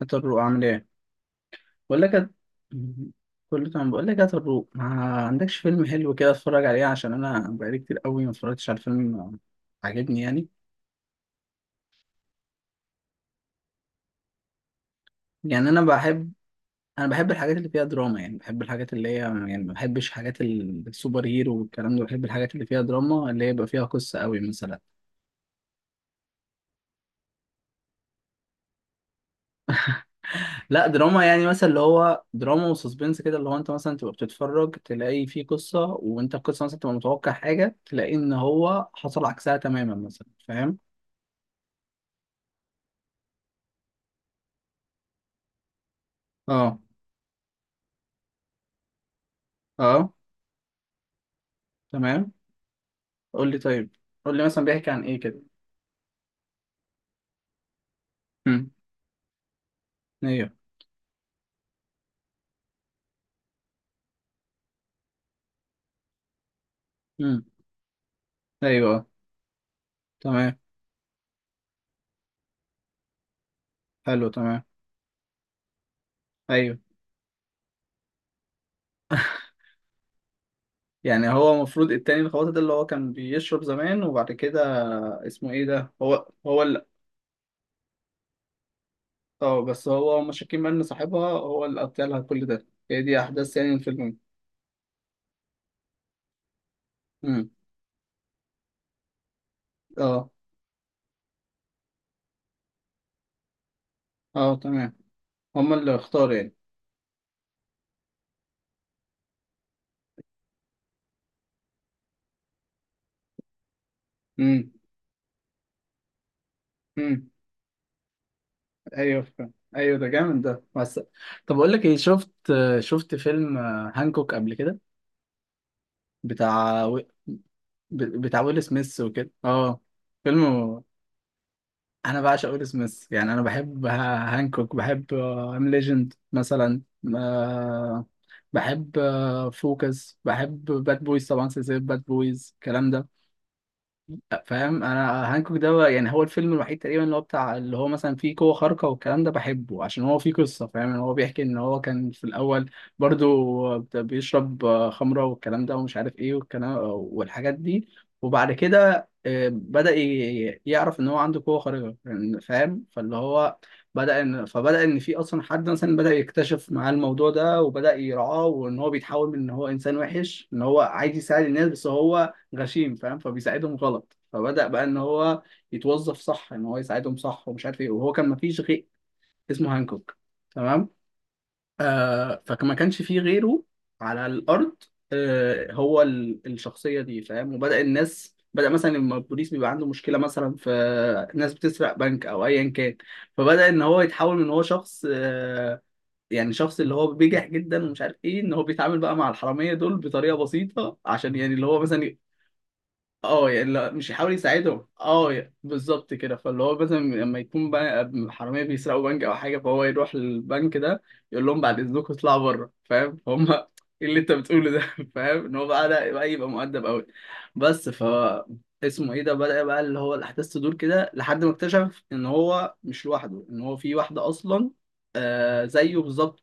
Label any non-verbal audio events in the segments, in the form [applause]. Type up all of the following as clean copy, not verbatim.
هات الروق عامل ايه؟ بقول لك هت- كله تمام، بقول لك هات الروق. ما عندكش فيلم حلو كده اتفرج عليه؟ عشان انا بقالي كتير قوي ما اتفرجتش على فيلم عاجبني يعني. يعني انا بحب انا بحب الحاجات اللي فيها دراما، يعني بحب الحاجات اللي هي، يعني ما بحبش حاجات السوبر هيرو والكلام ده، بحب الحاجات اللي فيها دراما اللي هي يبقى فيها قصة قوي مثلا. لا دراما يعني مثلا اللي هو دراما وسسبنس كده، اللي هو انت مثلا تبقى بتتفرج تلاقي فيه قصة، وانت القصة مثلا تبقى متوقع حاجة تلاقي ان هو حصل عكسها تماما مثلا، فاهم؟ اه. اه تمام. قول لي طيب، قول لي مثلا بيحكي عن ايه كده. امم، ايوه. امم، ايوه آه. تمام. حلو تمام. ايوه. يعني هو المفروض التاني الخواطر ده اللي هو كان بيشرب زمان وبعد كده اسمه ايه ده، هو هو اللي. اه، بس هو هما شاكين بقى ان صاحبها هو اللي قتلها لها، كل ده هي دي احداث يعني الفيلم؟ امم، اه. اه تمام، هما اللي اختاروا يعني. امم. امم. ايوه فاهم. ايوه ده جامد ده بس. طب اقول لك ايه، شفت فيلم هانكوك قبل كده؟ بتاع و... بتاع ويل سميث وكده، اه فيلم. انا بعشق ويل سميث يعني، هانكوك، بحب ام ليجند مثلا، آه، بحب، فوكس، بحب باد بويز طبعا، سلسلة باد بويز الكلام ده. فاهم، انا هانكوك ده يعني هو الفيلم الوحيد تقريبا اللي هو بتاع، اللي هو مثلا فيه قوة خارقة والكلام ده، بحبه عشان هو فيه قصة. فاهم ان هو بيحكي ان هو كان في الاول برضو بيشرب خمرة والكلام ده ومش عارف ايه والكلام والحاجات دي، وبعد كده بدأ يعرف ان هو عنده قوة خارقة يعني. فاهم، فاللي هو بدأ ان فبدأ ان في اصلا حد مثلا بدأ يكتشف معاه الموضوع ده وبدأ يرعاه، وان هو بيتحول من ان هو انسان وحش ان هو عايز يساعد الناس، بس هو غشيم فاهم، فبيساعدهم غلط، فبدأ بقى ان هو يتوظف صح ان هو يساعدهم صح ومش عارف ايه، وهو كان مفيش غير. اسمه هانكوك. تمام. آه فما كانش فيه غيره على الارض، آه هو الشخصية دي فاهم. وبدأ الناس بدأ مثلا لما البوليس بيبقى عنده مشكلة مثلا في ناس بتسرق بنك او ايا كان، فبدأ ان هو يتحول من هو شخص آه يعني شخص اللي هو بيجح جدا ومش عارف ايه، ان هو بيتعامل بقى مع الحراميه دول بطريقه بسيطه عشان يعني اللي هو مثلا. اه يعني مش يحاول يساعدهم، اه يعني بالظبط كده. فاللي هو مثلا لما يكون بقى حراميه بيسرقوا بنك او حاجه، فهو يروح للبنك ده يقول لهم بعد اذنكم اطلعوا بره، فاهم؟ [laughs] فهم ايه اللي انت بتقوله ده؟ [laughs] فاهم، ان هو بقى ده بقى يبقى مؤدب قوي. بس ف اسمه ايه ده، بدأ بقى اللي هو الاحداث تدور كده لحد ما اكتشف ان هو مش لوحده، ان هو في واحده اصلا آه زيه بالظبط.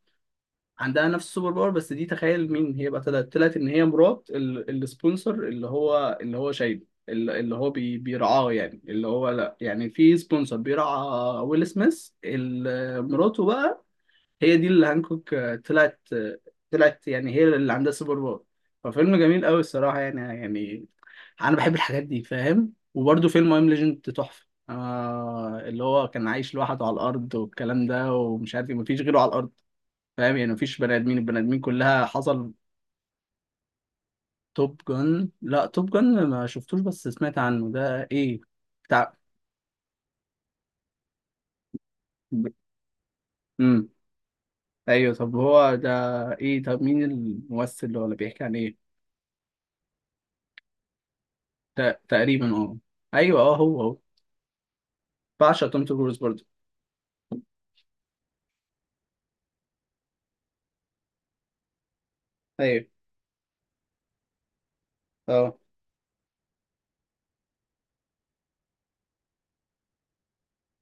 عندها نفس السوبر باور، بس دي تخيل مين هي بقى، طلعت ان هي مرات السبونسر اللي هو، اللي هو شايله اللي هو بيرعاه، يعني اللي هو لا يعني في سبونسر بيرعى ويل سميث، مراته بقى هي دي اللي هانكوك طلعت يعني، هي اللي عندها سوبر باور. ففيلم جميل قوي الصراحة يعني، يعني انا بحب الحاجات دي فاهم. وبرده فيلم ام ليجند تحفة، آه اللي هو كان عايش لوحده على الارض والكلام ده ومش عارف مفيش غيره على الارض، فاهم يعني مفيش بني ادمين، البني ادمين كلها حصل. توب جن، لا توب جن ما شفتوش بس سمعت عنه، ده ايه، بتاع؟ امم. ايوه طب هو ده ايه، طب مين الممثل اللي هو، اللي بيحكي عن ايه؟ تقريبا اه. ايوه اه، هو هو. بعشق توم كروز برضه. ايوه اه.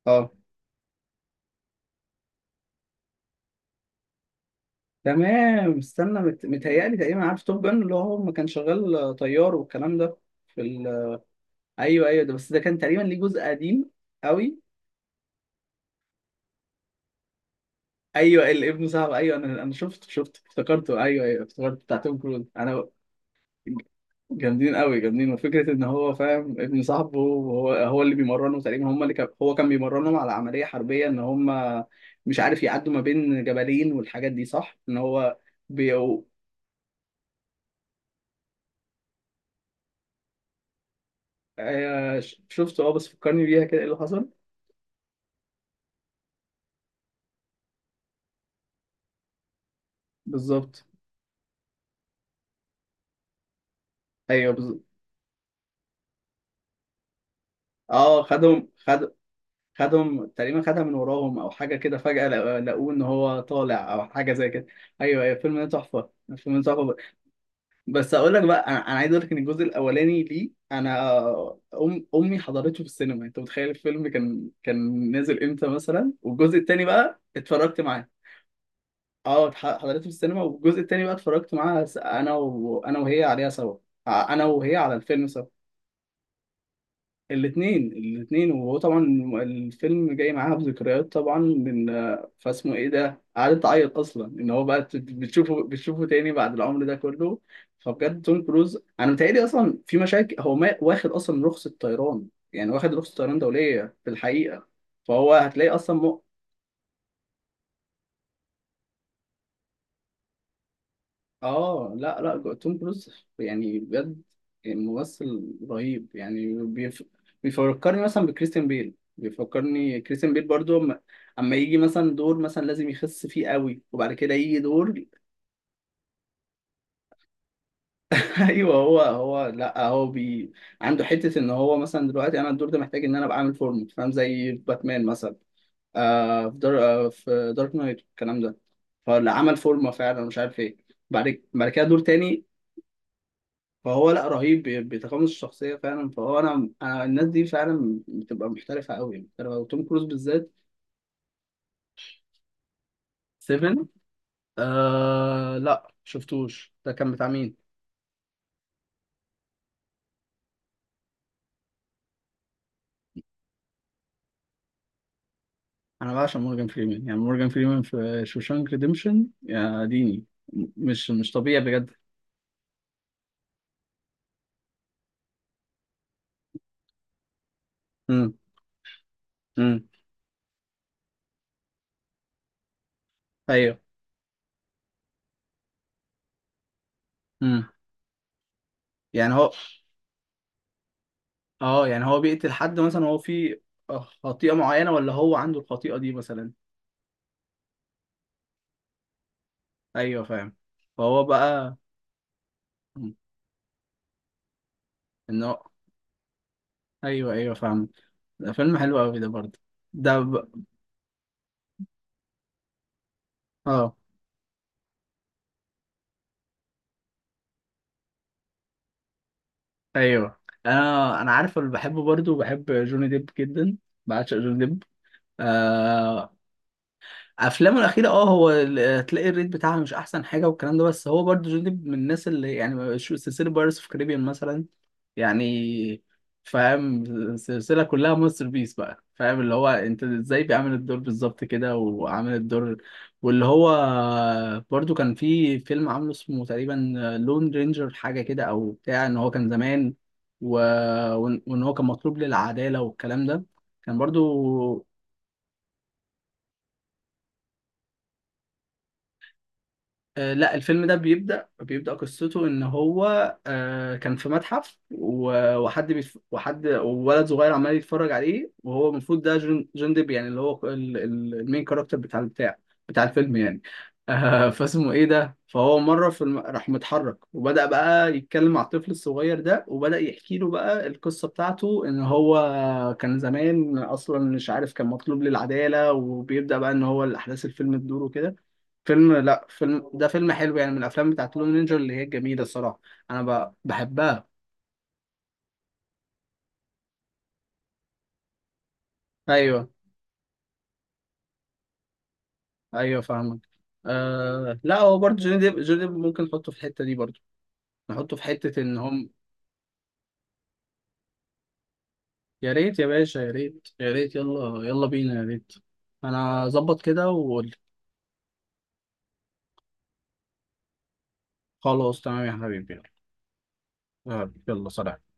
اه تمام. متهيألي تقريبا عارف توب جن اللي هو ما كان شغال طيار والكلام ده في ايوه ايوه ده، بس ده كان تقريبا ليه جزء قديم قوي. ايوه الابن صعب، ايوه انا شفته افتكرته، ايوه ايوه افتكرته بتاع توم كروز انا. جامدين قوي جامدين، وفكره ان هو فاهم ابن صاحبه وهو هو اللي بيمرنه تقريبا، هم اللي كان هو كان بيمرنهم على عمليه حربيه ان هم مش عارف يعدوا ما بين جبلين والحاجات دي، صح ان هو. بيو... شفته اه، بس فكرني بيها كده ايه اللي حصل. بالظبط. ايوه بالظبط. اه خدهم خد خدهم تقريبا خدها من وراهم او حاجه كده، فجاه لقوه ان هو طالع او حاجه زي كده. ايوه ايوه الفيلم ده تحفه، الفيلم ده تحفه. بس اقول لك بقى، أنا عايز اقول لك ان الجزء الاولاني ليه، امي حضرته في السينما انت متخيل الفيلم كان نازل امتى مثلا، والجزء التاني بقى اتفرجت معاه. اه حضرته في السينما، والجزء التاني بقى اتفرجت معاها، س- انا وانا وهي عليها سوا، انا وهي على الفيلم سوا. الاثنين الاثنين، وهو طبعا الفيلم جاي معاها بذكريات طبعا من، فاسمه ايه ده، قعدت تعيط اصلا ان هو بقى بتشوفه تاني بعد العمر ده كله. فبجد توم كروز انا متهيألي اصلا في مشاكل، هو ما واخد اصلا رخصة طيران يعني، واخد رخصة طيران دولية في الحقيقة. فهو هتلاقي اصلا. اه لا لا، توم كروز يعني بجد ممثل رهيب يعني بيفكرني مثلا بكريستيان بيل، بيفكرني كريستيان بيل برضو اما أما يجي مثلا دور مثلا لازم يخس فيه قوي، وبعد كده يجي دور [laughs] ايوه هو هو، لا عنده حتة ان هو مثلا دلوقتي انا الدور ده محتاج ان انا ابقى عامل فورمه، فاهم زي باتمان مثلا آه في دار... آه في دارك نايت الكلام ده، فاللي عمل فورمه فعلا مش عارف ايه، بعد بعد كده دور تاني. فهو لا رهيب بيتقمص الشخصيه فعلا، فهو انا انا الناس دي فعلا بتبقى محترفه قوي محترفه، وتوم كروز بالذات. 7، آه لا شفتوش، ده كان بتاع مين؟ انا بعشق مورجان فريمان يعني، مورجان فريمان في شوشانك ريديمشن يا ديني، مش طبيعي بجد. امم. امم. ايوه. امم. يعني هو، اه يعني هو بيقتل حد مثلا هو في خطيئه معينه، ولا هو عنده الخطيئه دي مثلا؟ ايوه فاهم. فهو بقى. مم. ان هو، ايوه ايوه فاهم، ده فيلم حلو قوي ده برضه. ده ب... اه ايوه، انا عارف اللي بحبه برضه، بحب جوني ديب جدا، بعشق جوني ديب. آه... افلامه الاخيره اه، تلاقي الريت بتاعها مش احسن حاجه والكلام ده، بس هو برضه جوني ديب من الناس اللي يعني سلسله بايرتس اوف كاريبيان مثلا يعني، فاهم السلسلة كلها ماستر بيس بقى. فاهم اللي هو انت ازاي بيعمل الدور بالظبط كده وعامل الدور، واللي هو برضو كان في فيلم عامله اسمه تقريبا لون رينجر حاجة كده، او بتاع ان هو كان زمان و... وإن هو كان مطلوب للعدالة والكلام ده، كان برضو آه، لا الفيلم ده بيبدأ قصته إن هو آه، كان في متحف وحد وولد صغير عمال يتفرج عليه، وهو المفروض ده جون ديب يعني اللي هو، المين كاركتر بتاع البتاع، بتاع الفيلم يعني. [laughs] آه، فاسمه إيه ده؟ فهو مرة راح متحرك وبدأ بقى يتكلم مع الطفل الصغير ده، وبدأ يحكي له بقى القصة بتاعته إن هو كان زمان أصلا مش عارف كان مطلوب للعدالة، وبيبدأ بقى إن هو الأحداث الفيلم تدور وكده. فيلم، لا فيلم ده فيلم حلو يعني، من الافلام بتاعت لون نينجا اللي هي جميله الصراحه، انا بحبها. ايوه ايوه فاهمك. آه... لا هو برضه جوني ديب، جوني ديب ممكن نحطه في الحته دي برضه، نحطه في حته ان هم. يا ريت يا باشا، يا ريت يا ريت، يلا يلا بينا، يا ريت انا اظبط كده وقول. خلاص تمام يا حبيبي. يلا يلا سلام.